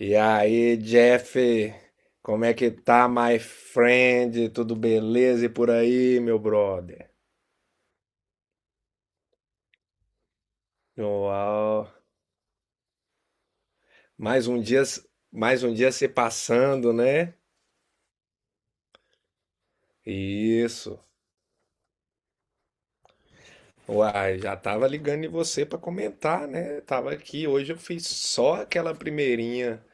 E aí, Jeff, como é que tá, my friend? Tudo beleza e por aí, meu brother? Uau, mais um dia, mais um dia se passando, né? Isso. Uai, já tava ligando em você pra comentar, né? Tava aqui, hoje eu fiz só aquela primeirinha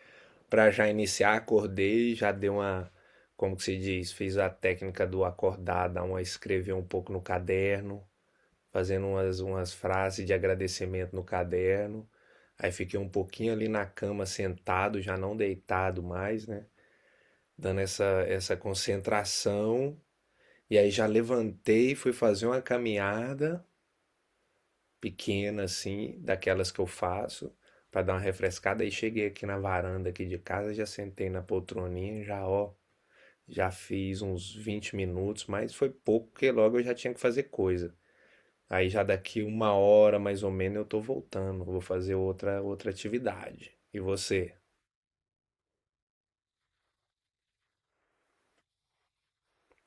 pra já iniciar, acordei, já dei uma, como que se diz, fiz a técnica do acordar, dar uma escrever um pouco no caderno, fazendo umas frases de agradecimento no caderno. Aí fiquei um pouquinho ali na cama sentado, já não deitado mais, né? Dando essa concentração. E aí já levantei, fui fazer uma caminhada pequena assim, daquelas que eu faço, para dar uma refrescada. Aí cheguei aqui na varanda aqui de casa, já sentei na poltroninha, já ó, já fiz uns 20 minutos, mas foi pouco, porque logo eu já tinha que fazer coisa. Aí já daqui uma hora mais ou menos eu tô voltando, vou fazer outra atividade. E você?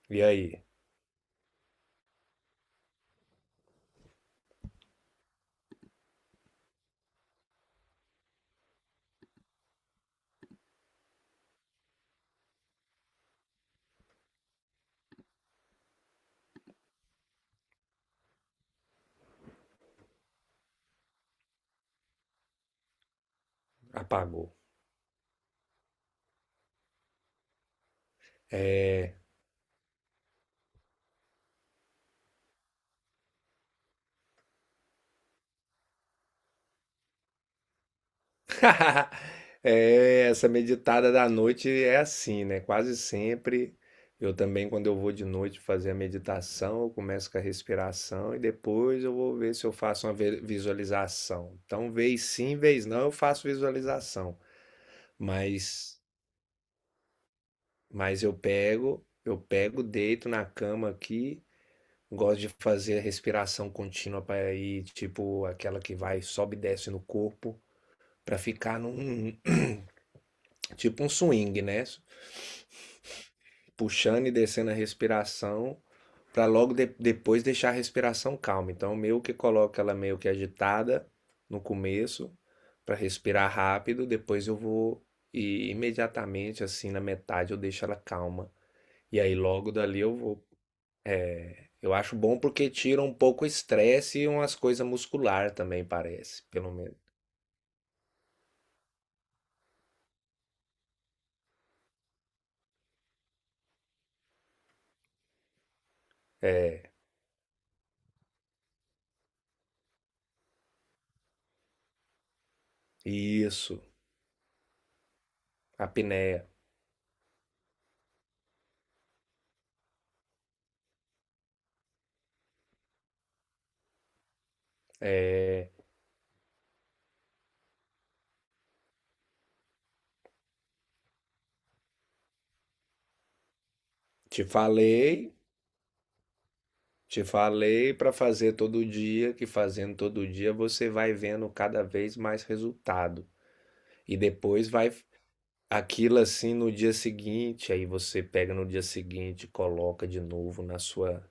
E aí? Apagou. É. É, essa meditada da noite é assim, né? Quase sempre eu também quando eu vou de noite fazer a meditação, eu começo com a respiração e depois eu vou ver se eu faço uma visualização. Então, vez sim, vez não, eu faço visualização, mas eu pego, deito na cama aqui. Gosto de fazer a respiração contínua para ir, tipo, aquela que vai, sobe e desce no corpo, para ficar num, tipo um swing, né? Puxando e descendo a respiração, para logo depois deixar a respiração calma. Então, meio que coloco ela meio que agitada no começo, para respirar rápido, depois eu vou e imediatamente assim na metade eu deixo ela calma. E aí logo dali eu vou. Eu acho bom porque tira um pouco o estresse e umas coisas muscular também, parece, pelo menos. É, isso, apneia. É, te falei, te falei para fazer todo dia, que fazendo todo dia você vai vendo cada vez mais resultado. E depois vai aquilo assim no dia seguinte, aí você pega no dia seguinte, coloca de novo na sua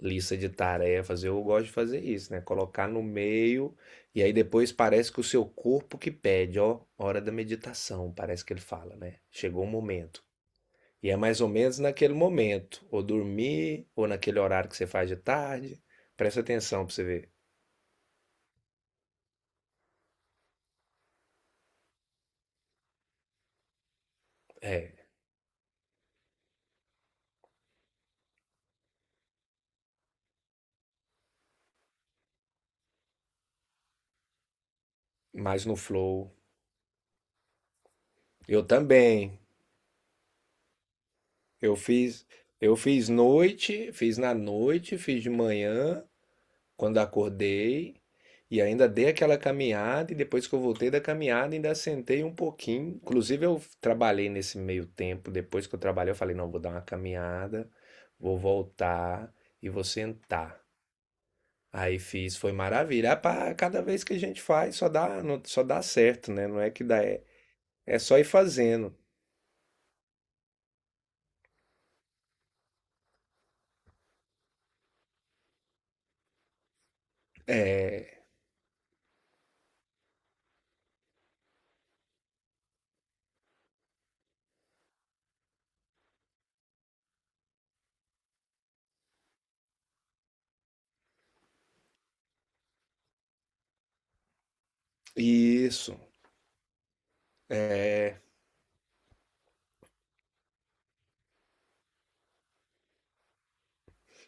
lista de tarefas. Eu gosto de fazer isso, né? Colocar no meio e aí depois parece que o seu corpo que pede, ó, hora da meditação, parece que ele fala, né? Chegou o momento. E é mais ou menos naquele momento, ou dormir, ou naquele horário que você faz de tarde. Presta atenção pra você ver. É, mais no flow. Eu também. Eu fiz, eu fiz noite, fiz na noite, fiz de manhã. Quando acordei e ainda dei aquela caminhada, e depois que eu voltei da caminhada, ainda sentei um pouquinho. Inclusive, eu trabalhei nesse meio tempo. Depois que eu trabalhei, eu falei: não, vou dar uma caminhada, vou voltar e vou sentar. Aí fiz, foi maravilha. Ah, pá, cada vez que a gente faz, só dá certo, né? Não é que dá, é, é só ir fazendo. É, isso. É,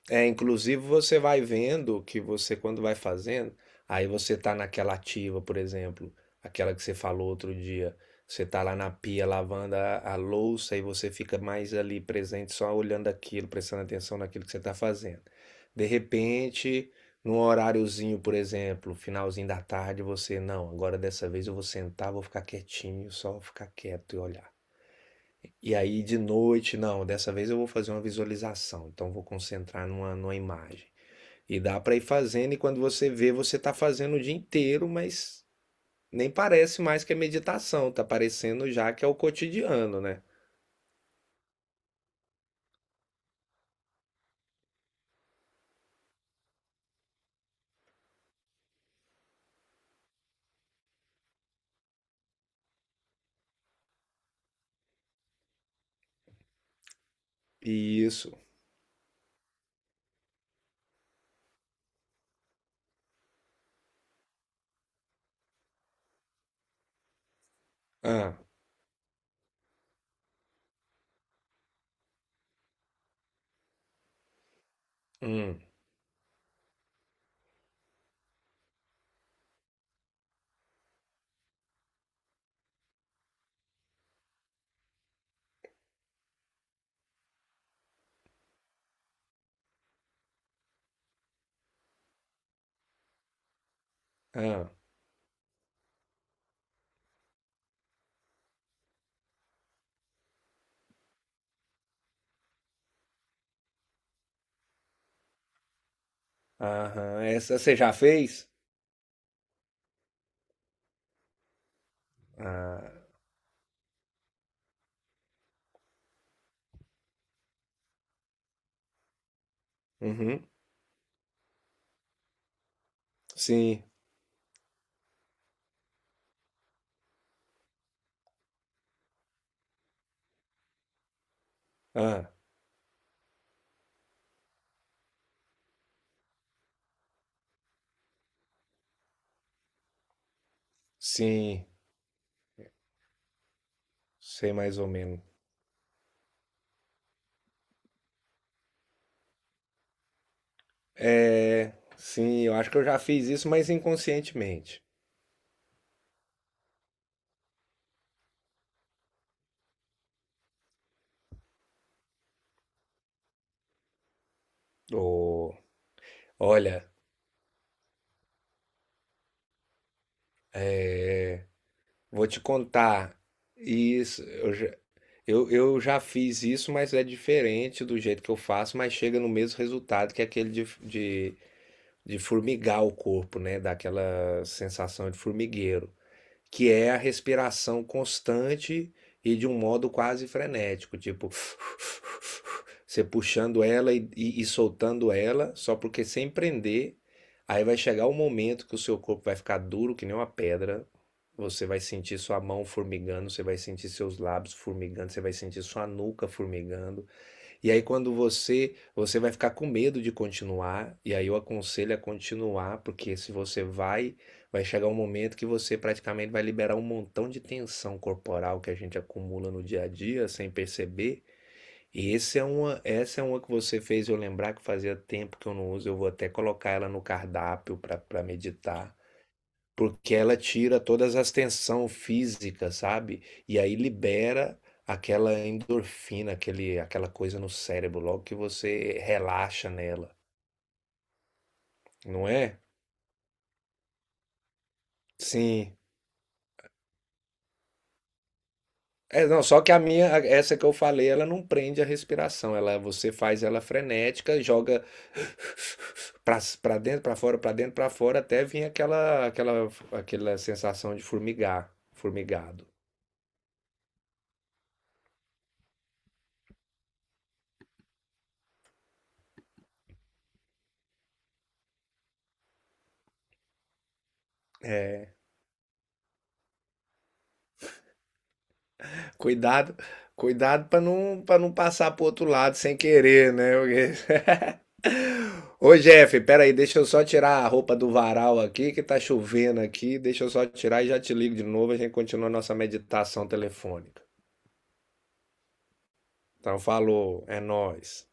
é, inclusive você vai vendo que você, quando vai fazendo, aí você tá naquela ativa, por exemplo, aquela que você falou outro dia. Você tá lá na pia lavando a louça e você fica mais ali presente, só olhando aquilo, prestando atenção naquilo que você tá fazendo. De repente, num horáriozinho, por exemplo, finalzinho da tarde, você, não, agora dessa vez eu vou sentar, vou ficar quietinho, só ficar quieto e olhar. E aí de noite, não, dessa vez eu vou fazer uma visualização, então vou concentrar numa, numa imagem. E dá para ir fazendo, e quando você vê, você tá fazendo o dia inteiro, mas nem parece mais que é meditação, tá parecendo já que é o cotidiano, né? E isso. Ah. Hum. Ah, aham. Essa você já fez? Ah, uhum, sim, ah, sim, sei mais ou menos. É, sim, eu acho que eu já fiz isso, mas inconscientemente. Oh, olha, vou te contar. Isso, eu, já fiz isso, mas é diferente do jeito que eu faço, mas chega no mesmo resultado que aquele de formigar o corpo, né? Daquela sensação de formigueiro que é a respiração constante e de um modo quase frenético, tipo você puxando ela e soltando ela, só porque sem prender, aí vai chegar o momento que o seu corpo vai ficar duro que nem uma pedra. Você vai sentir sua mão formigando, você vai sentir seus lábios formigando, você vai sentir sua nuca formigando. E aí quando você vai ficar com medo de continuar, e aí eu aconselho a continuar, porque se você vai, vai chegar um momento que você praticamente vai liberar um montão de tensão corporal que a gente acumula no dia a dia sem perceber. E esse é uma, essa é uma que você fez eu lembrar que fazia tempo que eu não uso, eu vou até colocar ela no cardápio para meditar. Porque ela tira todas as tensão física, sabe? E aí libera aquela endorfina, aquele, aquela coisa no cérebro, logo que você relaxa nela, não é? Sim. É, não, só que essa que eu falei, ela não prende a respiração, ela você faz ela frenética, joga pra, pra dentro, pra fora, pra dentro, pra fora, até vir aquela sensação de formigar, formigado. Cuidado, cuidado para não passar pro outro lado sem querer, né? Porque... Ô Jeff, peraí, deixa eu só tirar a roupa do varal aqui, que tá chovendo aqui. Deixa eu só tirar e já te ligo de novo. A gente continua a nossa meditação telefônica. Então, falou, é nóis.